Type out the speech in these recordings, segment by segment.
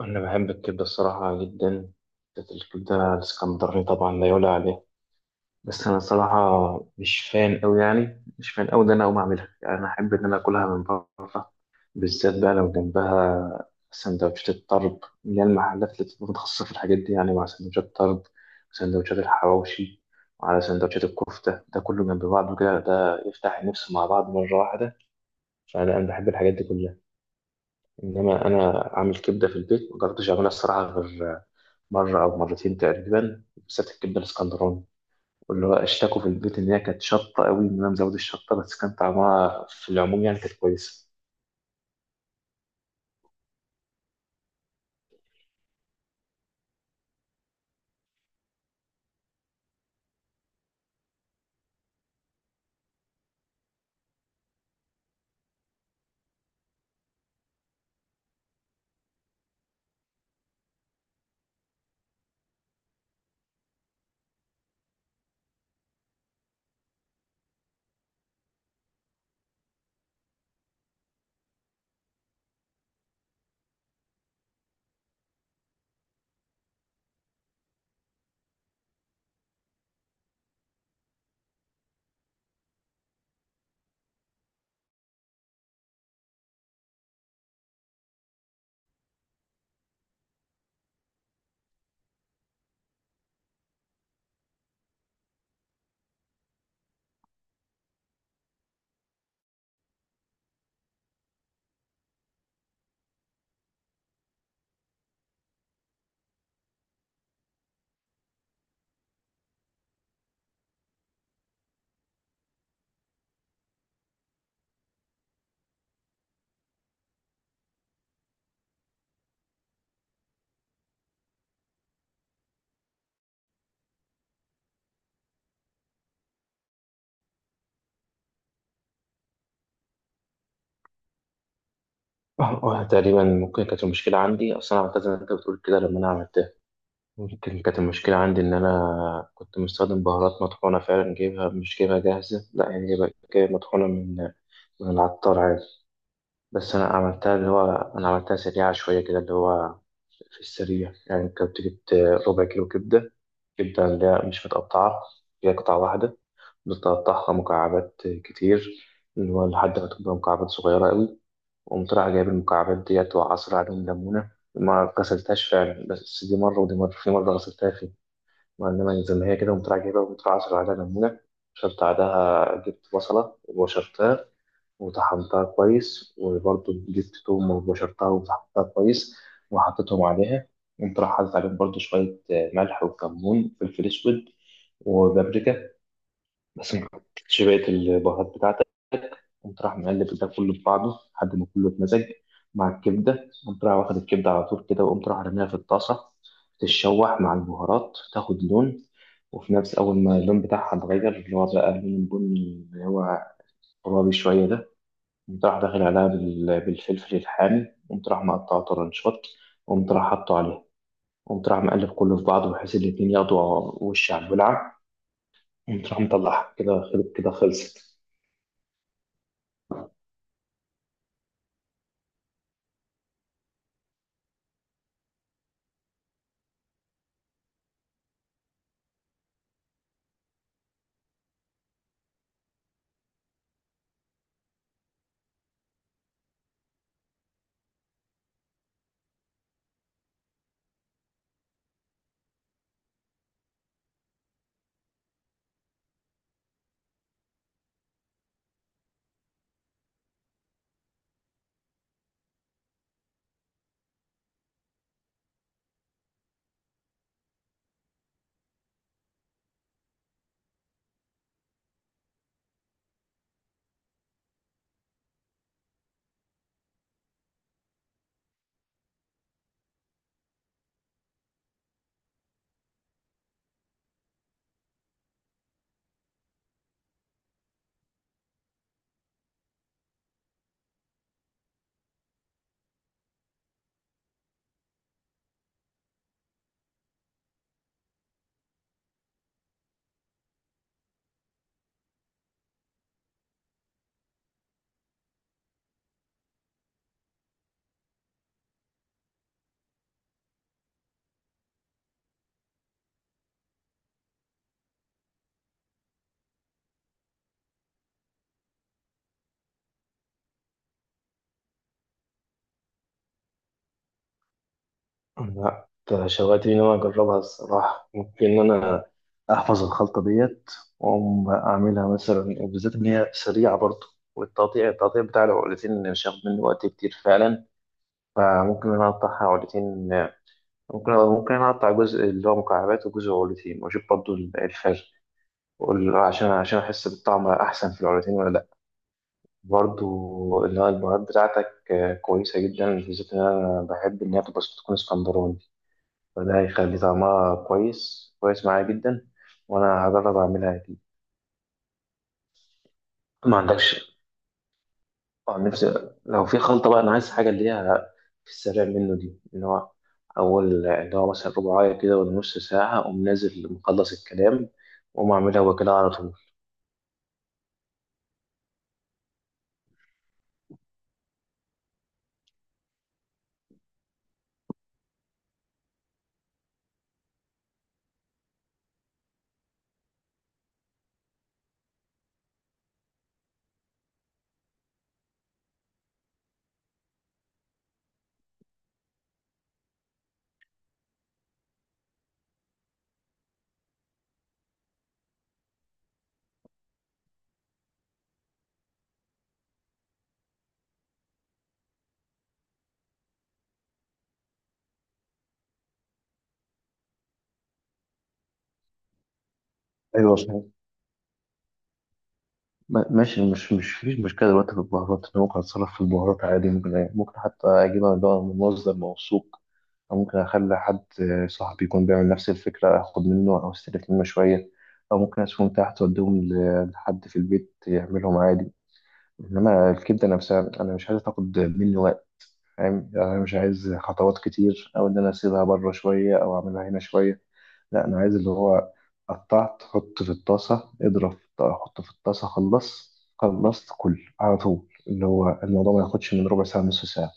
أنا بحب الكبدة الصراحة جدا، بالذات الكبدة الإسكندراني طبعا لا يعلى عليه. بس أنا صراحة مش فان أوي، إن أنا أقوم أعملها، يعني أنا أحب إن أنا أكلها من بره، بالذات بقى لو جنبها سندوتشات الطرب، اللي هي المحلات اللي بتبقى متخصصة في الحاجات دي، يعني مع سندوتشات الطرب وسندوتشات الحواوشي وعلى سندوتشات الكفتة، ده كله جنب بعضه كده، ده يفتح النفس مع بعض مرة واحدة. فأنا بحب الحاجات دي كلها. إنما أنا أعمل كبدة في البيت مجربتش أعملها الصراحة غير مرة أو مرتين تقريبا، بالذات الكبدة الإسكندراني، واللي هو اشتكوا في البيت إن هي كانت شطة قوي، إن أنا مزود الشطة، بس كان طعمها في العموم يعني كانت كويسة. تقريبا ممكن كانت المشكلة عندي، أصل أنا عملتها زي ما أنت بتقول كده، لما أنا عملتها ممكن كانت المشكلة عندي إن أنا كنت مستخدم بهارات مطحونة فعلا، جايبها مش جايبها جاهزة، لا يعني جايبها مطحونة من العطار عادي. بس أنا عملتها اللي هو أنا عملتها سريعة شوية كده، اللي هو في السريع، يعني كنت جبت ربع كيلو كبدة. الكبدة اللي هي مش متقطعة، هي قطعة واحدة، بتقطعها مكعبات كتير، اللي هو لحد ما تبقى مكعبات صغيرة قوي. وقمت رايح جايب المكعبات ديت وعصر عليهم ليمونة، ما غسلتهاش فعلا، بس دي مرة ودي مرة، في مرة غسلتها فيه، ما إنما زي ما هي كده قمت رايح جايبها وقمت رايح عصر عليها ليمونة. شربت بعدها جبت بصلة وبشرتها وطحنتها كويس، وبرضه جبت توم وبشرتها وطحنتها كويس وحطيتهم عليها. قمت راح حاطط عليهم برضه شوية ملح وكمون وفلفل أسود وبابريكا، بس ما حطيتش بقية البهارات بتاعتك. قمت راح مقلب ده كله في بعضه لحد ما كله اتمزج مع الكبدة. قمت راح واخد الكبدة على طول كده وقمت راح رميها في الطاسة تتشوح مع البهارات تاخد لون. وفي نفس أول ما اللون بتاعها اتغير، اللي هو بقى لون بني اللي هو غرابي شوية ده، قمت راح داخل عليها بالفلفل الحامي، قمت راح مقطعه طرنشات، قمت راح حاطه عليها. قمت راح مقلب كله في بعضه بحيث الاتنين ياخدوا وش على الولعة. قمت راح مطلعها كده، خلت كده، خلصت. لا أنت شوقتني إن أنا أجربها الصراحة، ممكن إن أنا أحفظ الخلطة ديت وأقوم أعملها مثلا، وبالذات إن هي سريعة برضه، والتقطيع التقطيع بتاع العقلتين مش هياخد مني وقت كتير فعلا. فممكن إن أنا أقطعها عقلتين. ممكن انا اقطع جزء اللي هو مكعبات وجزء عروتين، واشوف برضو الفرق، عشان احس بالطعم احسن في العروتين ولا لا. برضو اللي هو البهارات بتاعتك كويسه جدا، بالذات ان انا بحب ان هي تبقى تكون اسكندراني، فده هيخلي طعمها كويس كويس معايا جدا، وانا هجرب اعملها اكيد. ما عندكش اه، نفسي لو في خلطة بقى، أنا عايز حاجة اللي هي في السريع منه دي، اللي هو أول اللي هو مثلا رباعية كده ولا نص ساعة أقوم نازل مخلص الكلام وأقوم أعملها وكده على طول. ايوه صحيح. ماشي، مش فيش مشكله دلوقتي في البهارات، انا ممكن اتصرف في البهارات عادي، ممكن حتى اجيبها من بقى من مصدر موثوق، او ممكن اخلي حد صاحبي يكون بيعمل نفس الفكره اخد منه او استلف منه شويه، او ممكن اسيبهم تحت واديهم لحد في البيت يعملهم عادي. انما الكبده نفسها انا مش عايز تاخد مني وقت، فاهم يعني، انا مش عايز خطوات كتير او ان انا اسيبها بره شويه او اعملها هنا شويه. لا انا عايز اللي هو قطعت حط في الطاسه حط في الطاسه خلص خلصت كل على طول، اللي هو الموضوع ما ياخدش من ربع ساعه نص ساعه.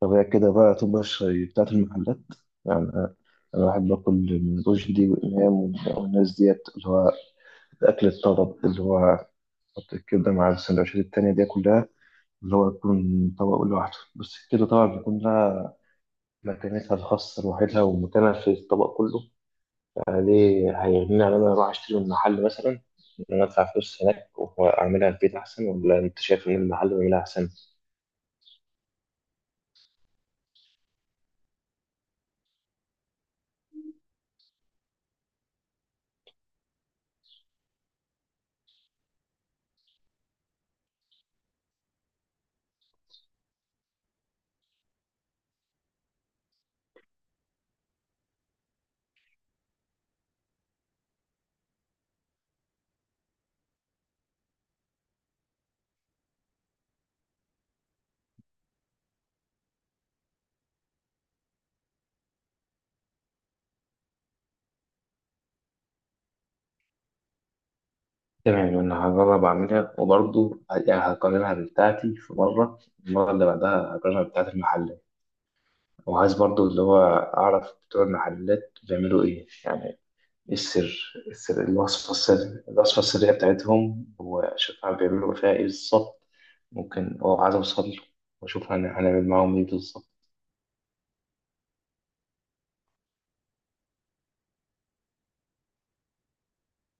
طب هي كده بقى تبقى الشاي بتاعت المحلات يعني، أنا بحب اكل من رشدي وامام والناس ديت، اللي هو الاكل الطلب، اللي هو حط الكبده مع السندوتشات التانيه دي كلها، اللي هو يكون طبق لوحده بس كده، طبعا بيكون لها مكانتها الخاصة لوحدها ومكانها في الطبق كله عليه، هيغنيني عن إن أنا أروح أشتري من محل مثلا، إن أنا أدفع فلوس هناك وأعملها في البيت أحسن، ولا أنت شايف إن المحل بيعملها أحسن؟ تمام أنا هجرب أعملها، وبرضه يعني هقارنها بتاعتي في مرة، المرة اللي بعدها هقارنها بتاعت المحل. وعايز برضه اللي هو أعرف بتوع المحلات بيعملوا إيه يعني، ايه السر الوصفة السرية بتاعتهم، وأشوف هما بيعملوا فيها ايه بالظبط. ممكن أو عايز أوصل له وأشوف هنعمل معاهم ايه بالظبط.